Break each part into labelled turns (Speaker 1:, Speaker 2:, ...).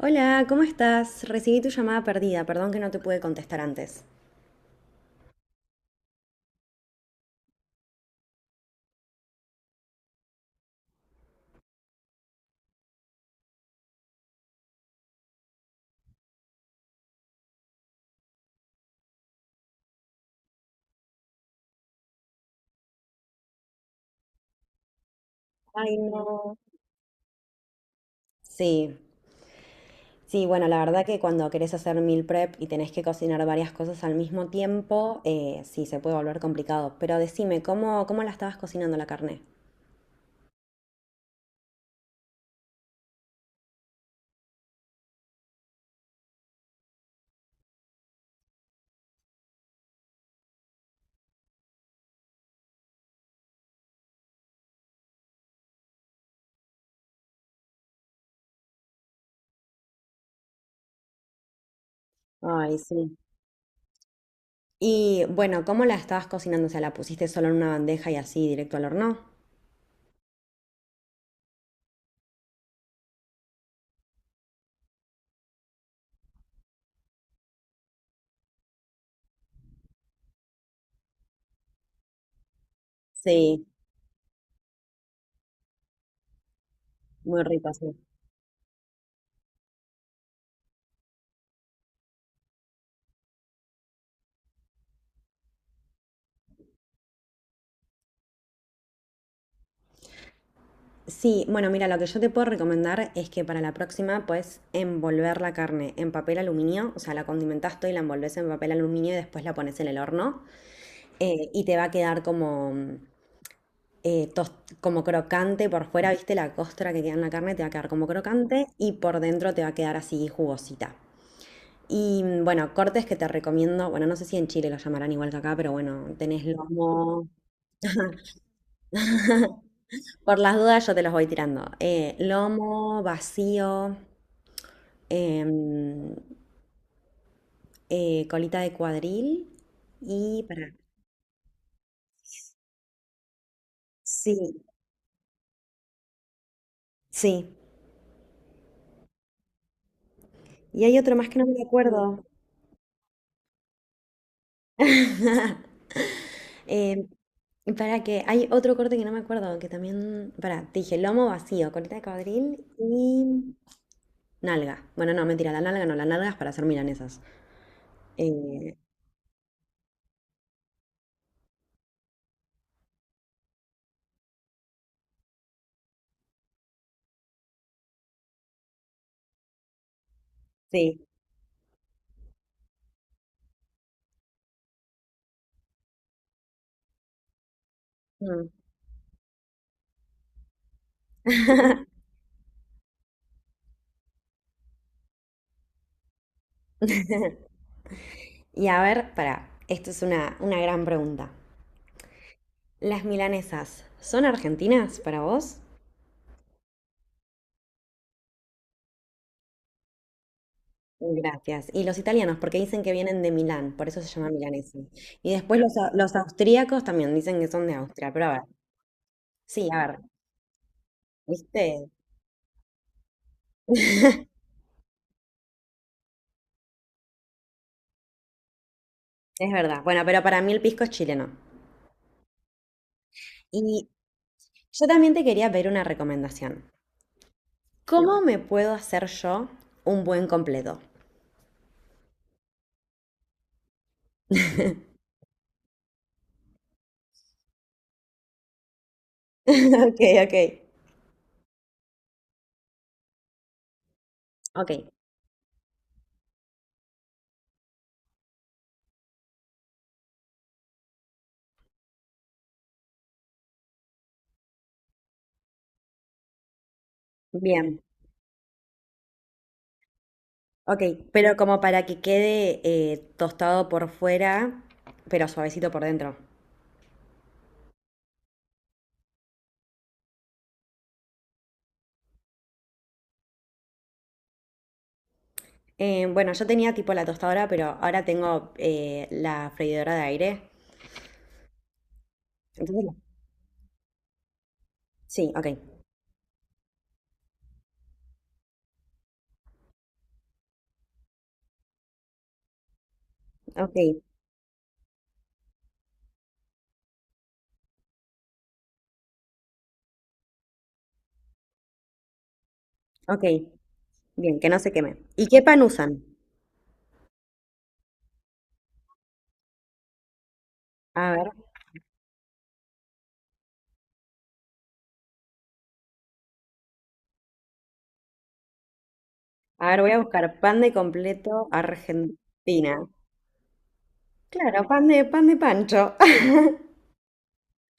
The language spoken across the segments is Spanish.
Speaker 1: Hola, ¿cómo estás? Recibí tu llamada perdida, perdón que no te pude contestar antes. Ay, no. Sí, sí, bueno, la verdad que cuando querés hacer meal prep y tenés que cocinar varias cosas al mismo tiempo, sí, se puede volver complicado. Pero decime, ¿cómo la estabas cocinando la carne? Ay, sí. Y bueno, ¿cómo la estabas cocinando? O sea, ¿la pusiste solo en una bandeja y así directo al horno? Sí, muy rico, sí. Sí, bueno, mira, lo que yo te puedo recomendar es que para la próxima puedes envolver la carne en papel aluminio, o sea, la condimentás todo y la envolves en papel aluminio y después la pones en el horno y te va a quedar como, eh, tos- como crocante por fuera, ¿viste? La costra que queda en la carne te va a quedar como crocante y por dentro te va a quedar así jugosita. Y bueno, cortes que te recomiendo, bueno, no sé si en Chile lo llamarán igual que acá, pero bueno, tenés lomo. Por las dudas yo te los voy tirando. Lomo, vacío, em, colita de cuadril y para... Sí, sí. Y hay otro más que no me acuerdo. Em, para que hay otro corte que no me acuerdo, que también... Para, te dije lomo vacío, colita de cuadril y nalga. Bueno, no, mentira, la nalga no, la nalga es para hacer milanesas. Eh, sí. Mm. Y a ver, para, esto es una gran pregunta. ¿Las milanesas son argentinas para vos? Gracias. Y los italianos, porque dicen que vienen de Milán, por eso se llama milanesa. Y después los, los austríacos también dicen que son de Austria, pero a ver, sí, a ver, ¿viste? Es verdad. Bueno, pero para mí el pisco es chileno. Y yo también te quería pedir una recomendación. ¿Cómo me puedo hacer yo un buen completo? Ok, ok. Ok, bien. Ok, pero como para que quede tostado por fuera, pero suavecito por dentro. Bueno, yo tenía tipo la tostadora, pero ahora tengo la freidora de aire. Entonces, sí, ok, ok, ok. Bien, que no se queme. ¿Y qué pan usan? A ver, a ver, voy a buscar pan de completo Argentina. Claro, pan de Pancho.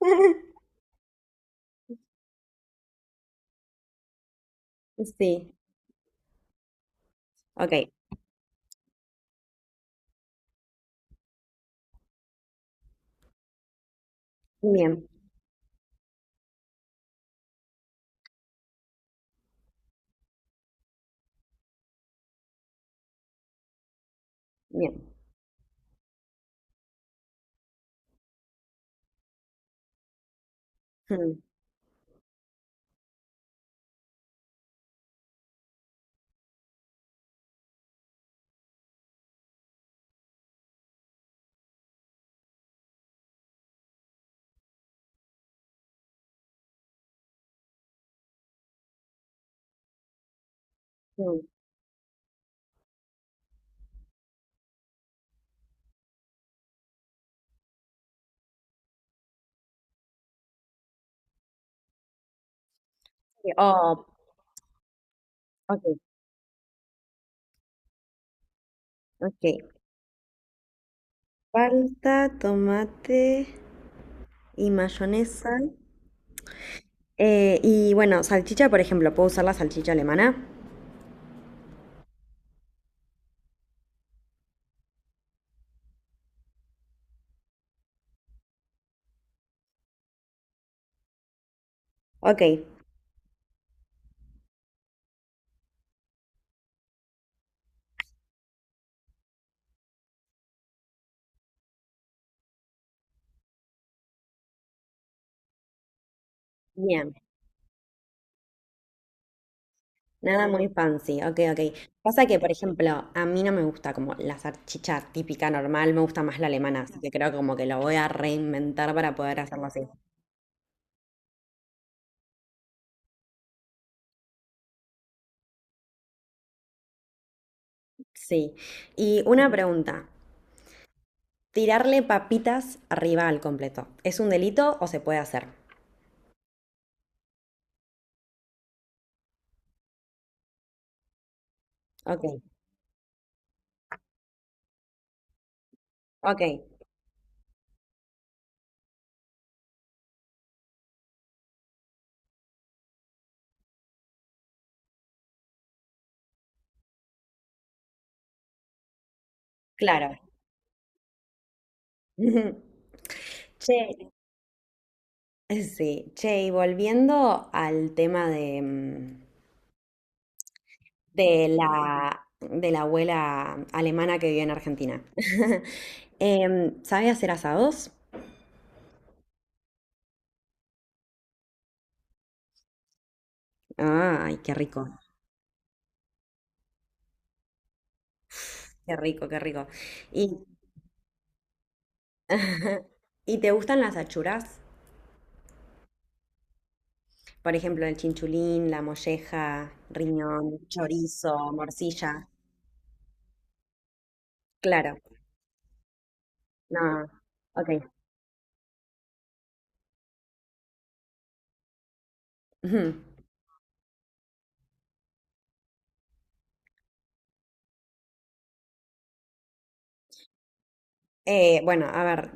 Speaker 1: Sí, ok, bien, bien. Mm, mm. Oh, ok, ok. Palta, tomate y mayonesa. Y bueno, salchicha, por ejemplo, ¿puedo usar la salchicha alemana? Ok, bien, nada muy fancy, ok, ok. Pasa que, por ejemplo, a mí no me gusta como la salchicha típica normal, me gusta más la alemana, así que creo que como que lo voy a reinventar para poder hacerlo así. Sí, y una pregunta, ¿tirarle papitas arriba al completo? ¿Es un delito o se puede hacer? Ok, ok, claro. Che, sí, che, y volviendo al tema de... de la abuela alemana que vive en Argentina. ¿Sabe hacer asados? Ay, qué rico, qué rico, qué rico. ¿Y, ¿y te gustan las achuras? Por ejemplo, el chinchulín, la molleja, riñón, chorizo, morcilla. Claro, no, ok. Ujú. Bueno, a ver,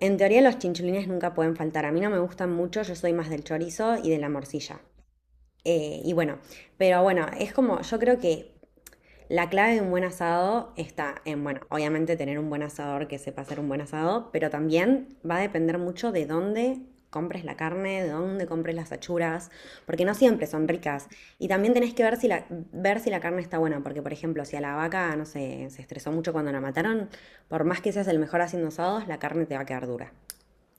Speaker 1: en teoría los chinchulines nunca pueden faltar. A mí no me gustan mucho, yo soy más del chorizo y de la morcilla. Y bueno, pero bueno, es como, yo creo que la clave de un buen asado está en, bueno, obviamente tener un buen asador que sepa hacer un buen asado, pero también va a depender mucho de dónde compres la carne, de dónde compres las achuras, porque no siempre son ricas. Y también tenés que ver si la carne está buena, porque por ejemplo, si a la vaca, no sé, se estresó mucho cuando la mataron, por más que seas el mejor haciendo asados, la carne te va a quedar dura.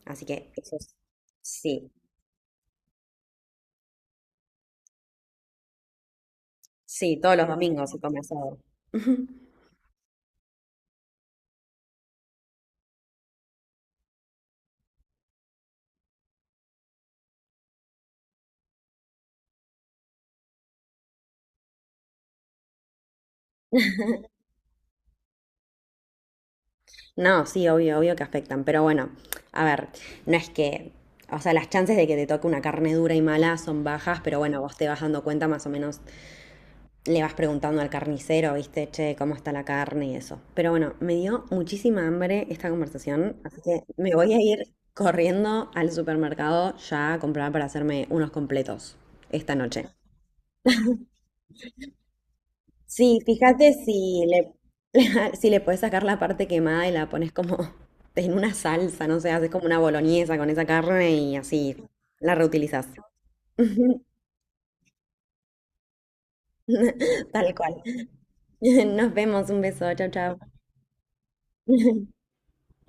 Speaker 1: Así que eso es, sí, sí, todos los domingos se come asado. No, sí, obvio, obvio que afectan, pero bueno, a ver, no es que, o sea, las chances de que te toque una carne dura y mala son bajas, pero bueno, vos te vas dando cuenta más o menos, le vas preguntando al carnicero, viste, che, cómo está la carne y eso. Pero bueno, me dio muchísima hambre esta conversación, así que me voy a ir corriendo al supermercado ya a comprar para hacerme unos completos esta noche. Sí, fíjate si le, si le puedes sacar la parte quemada y la pones como en una salsa, no sé, haces como una boloñesa con esa carne y así la reutilizas. Tal cual. Nos vemos, un beso, chao, chao.